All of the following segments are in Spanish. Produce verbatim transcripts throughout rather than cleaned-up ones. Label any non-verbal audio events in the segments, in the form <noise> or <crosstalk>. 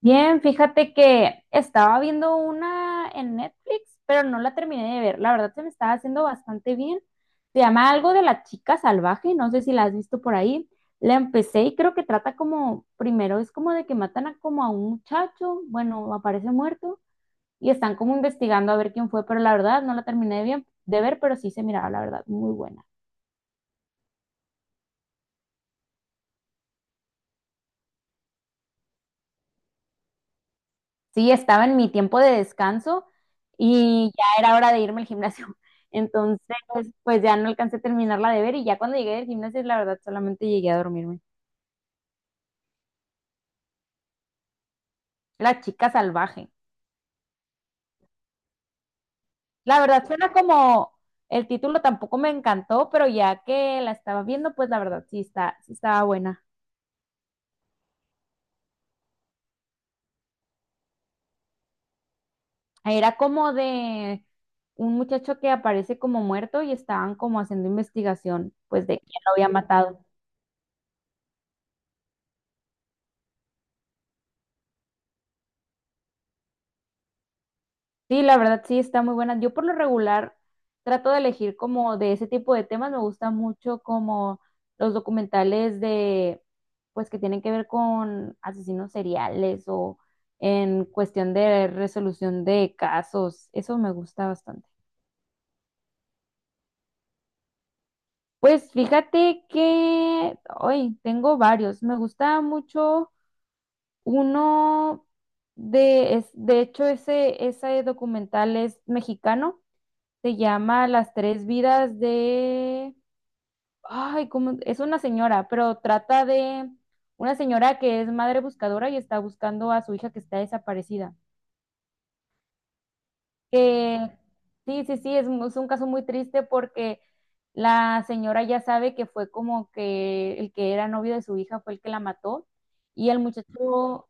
Bien, fíjate que estaba viendo una en Netflix, pero no la terminé de ver. La verdad se me estaba haciendo bastante bien. Se llama algo de La Chica Salvaje, no sé si la has visto por ahí. La empecé y creo que trata como, primero es como de que matan a como a un muchacho, bueno, aparece muerto y están como investigando a ver quién fue, pero la verdad no la terminé de bien de ver, pero sí se miraba, la verdad, muy buena. Sí, estaba en mi tiempo de descanso y ya era hora de irme al gimnasio. <laughs> Entonces, pues ya no alcancé a terminarla de ver y ya cuando llegué del gimnasio, la verdad, solamente llegué a dormirme. La Chica Salvaje. La verdad, suena como el título tampoco me encantó, pero ya que la estaba viendo, pues la verdad sí está, sí estaba buena. Era como de un muchacho que aparece como muerto y estaban como haciendo investigación, pues de quién lo había matado. Sí, la verdad sí está muy buena. Yo por lo regular trato de elegir como de ese tipo de temas. Me gusta mucho como los documentales de, pues que tienen que ver con asesinos seriales o en cuestión de resolución de casos. Eso me gusta bastante. Pues fíjate que hoy tengo varios. Me gusta mucho uno de, es, de hecho ese, ese documental es mexicano. Se llama Las Tres Vidas de... Ay, ¿cómo? Es una señora, pero trata de una señora que es madre buscadora y está buscando a su hija que está desaparecida. Que sí, sí, sí, es, mu- es un caso muy triste porque la señora ya sabe que fue como que el que era novio de su hija fue el que la mató y el muchacho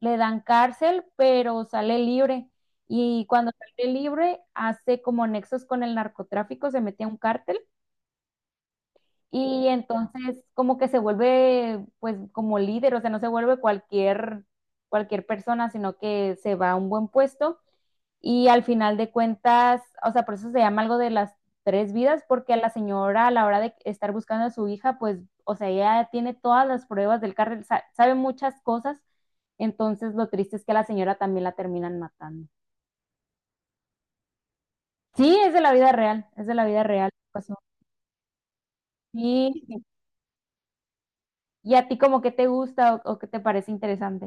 le dan cárcel, pero sale libre. Y cuando sale libre, hace como nexos con el narcotráfico, se mete a un cártel. Y entonces como que se vuelve pues como líder, o sea, no se vuelve cualquier, cualquier persona, sino que se va a un buen puesto y al final de cuentas, o sea, por eso se llama algo de las tres vidas, porque a la señora a la hora de estar buscando a su hija, pues, o sea, ella tiene todas las pruebas del cartel, sa- sabe muchas cosas, entonces lo triste es que a la señora también la terminan matando. Sí, es de la vida real, es de la vida real. Pasó. Sí, y a ti como que te gusta o o qué te parece interesante.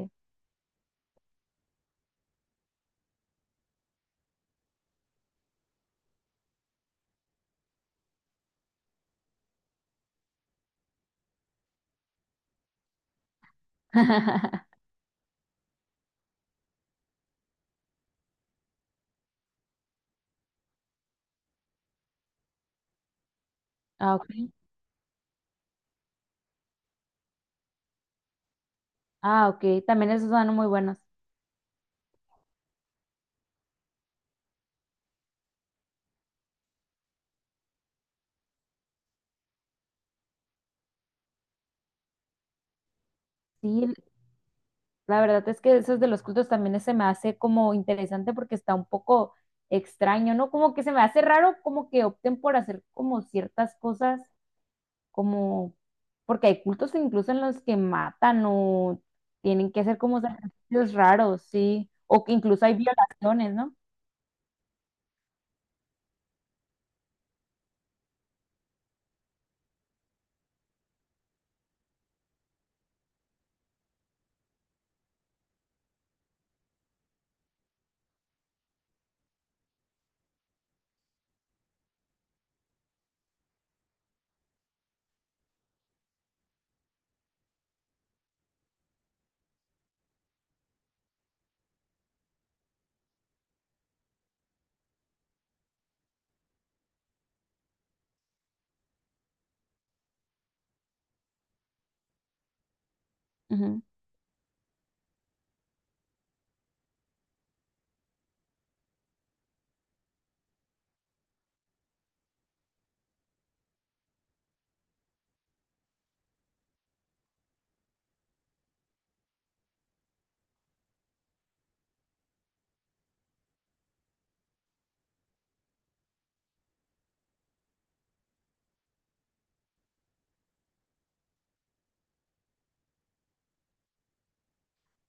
<laughs> Ah, ok. Ah, ok. También esos son muy buenos. Sí, el- la verdad es que esos de los cultos también se me hace como interesante porque está un poco extraño, ¿no? Como que se me hace raro como que opten por hacer como ciertas cosas, como porque hay cultos incluso en los que matan o tienen que hacer como sacrificios raros, sí, o que incluso hay violaciones, no.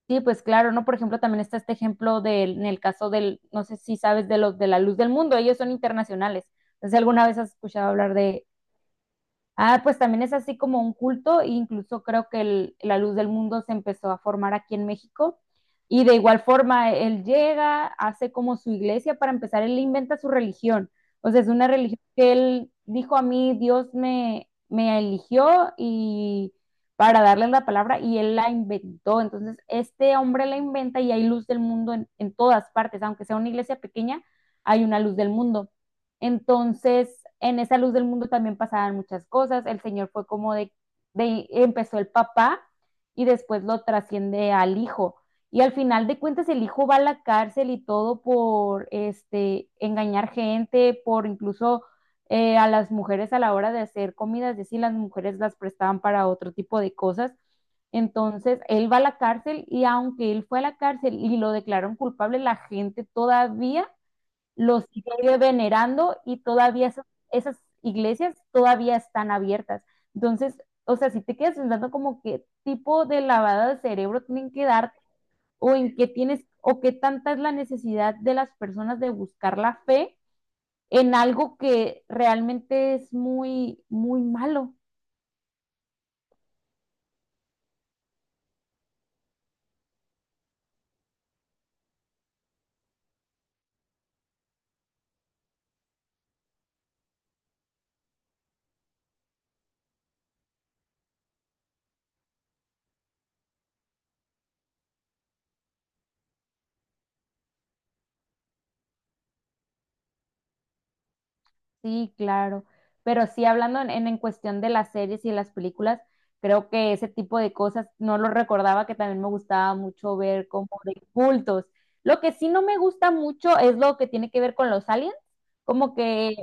Sí, pues claro, ¿no? Por ejemplo, también está este ejemplo del, en el caso del, no sé si sabes de los de La Luz del Mundo, ellos son internacionales. No sé si alguna vez has escuchado hablar de, ah, pues también es así como un culto, e incluso creo que el- La Luz del Mundo se empezó a formar aquí en México. Y de igual forma, él llega, hace como su iglesia, para empezar, él inventa su religión. O sea, es una religión que él dijo a mí, Dios me, me eligió y para darle la palabra y él la inventó. Entonces, este hombre la inventa y hay Luz del Mundo en en todas partes, aunque sea una iglesia pequeña, hay una Luz del Mundo. Entonces, en esa Luz del Mundo también pasaban muchas cosas. El señor fue como de, de empezó el papá y después lo trasciende al hijo. Y al final de cuentas el hijo va a la cárcel y todo por este engañar gente, por incluso eh, a las mujeres a la hora de hacer comidas, es decir, las mujeres las prestaban para otro tipo de cosas. Entonces, él va a la cárcel y aunque él fue a la cárcel y lo declararon culpable, la gente todavía los sigue venerando y todavía esas, esas iglesias todavía están abiertas. Entonces, o sea, si te quedas pensando como qué tipo de lavada de cerebro tienen que dar o en qué tienes o qué tanta es la necesidad de las personas de buscar la fe en algo que realmente es muy, muy malo. Sí, claro. Pero sí, hablando en, en, en cuestión de las series y las películas, creo que ese tipo de cosas no lo recordaba, que también me gustaba mucho ver como de cultos. Lo que sí no me gusta mucho es lo que tiene que ver con los aliens, como que,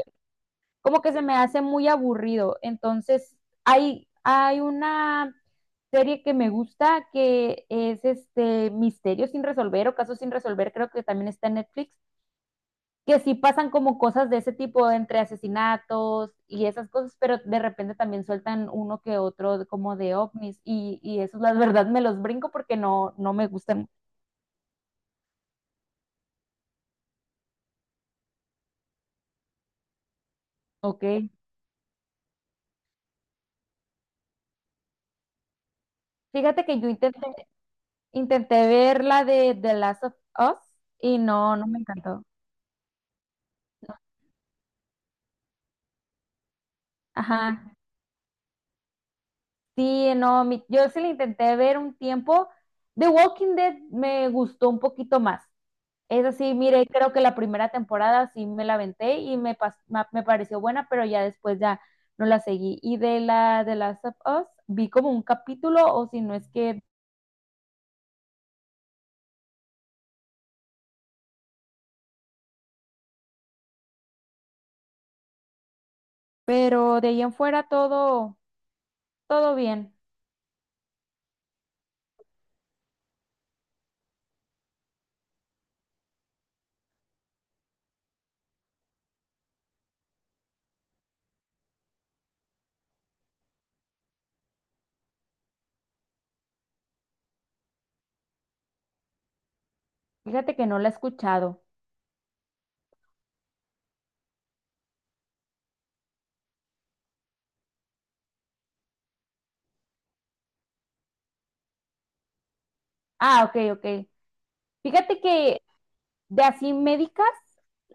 como que se me hace muy aburrido. Entonces, hay, hay una serie que me gusta que es este Misterios sin Resolver o Casos sin Resolver, creo que también está en Netflix, que sí pasan como cosas de ese tipo, entre asesinatos y esas cosas, pero de repente también sueltan uno que otro como de ovnis y, y eso la verdad me los brinco porque no, no me gustan. Ok. Fíjate que yo intenté, intenté ver la de The Last of Us y no, no me encantó. Ajá. Sí, no, mi- yo sí le intenté ver un tiempo. The Walking Dead me gustó un poquito más. Es así, mire, creo que la primera temporada sí me la aventé y me, pas- ma- me pareció buena, pero ya después ya no la seguí. Y de la de Last of Us vi como un capítulo, o si no es que, pero de ahí en fuera todo, todo bien. Fíjate que no la he escuchado. Ah, ok, ok. Fíjate que de así médicas,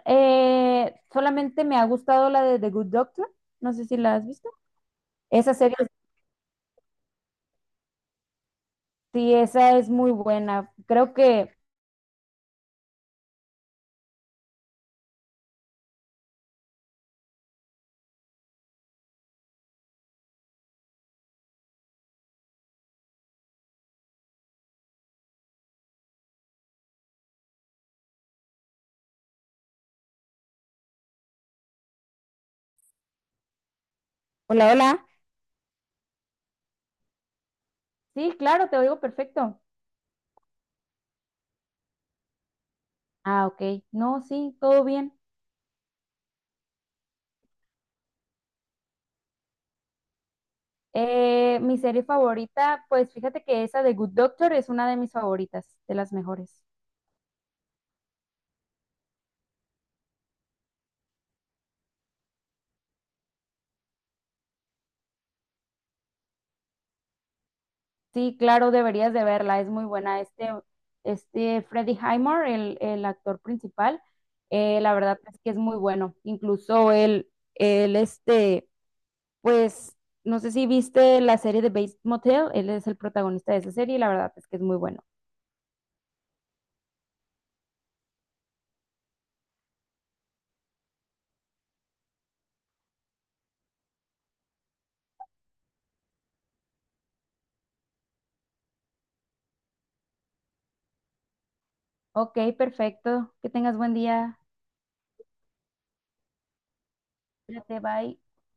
eh, solamente me ha gustado la de The Good Doctor. No sé si la has visto. Esa serie, sí, esa es muy buena. Creo que. Hola, hola. Sí, claro, te oigo perfecto. Ah, ok. No, sí, todo bien. Eh, mi serie favorita, pues fíjate que esa de Good Doctor es una de mis favoritas, de las mejores. Sí, claro, deberías de verla, es muy buena. Este, este Freddie Highmore, el, el actor principal, eh, la verdad es que es muy bueno. Incluso él, él, este, pues, no sé si viste la serie de Bates Motel, él es el protagonista de esa serie y la verdad es que es muy bueno. Ok, perfecto, que tengas buen día. Cuídate, bye.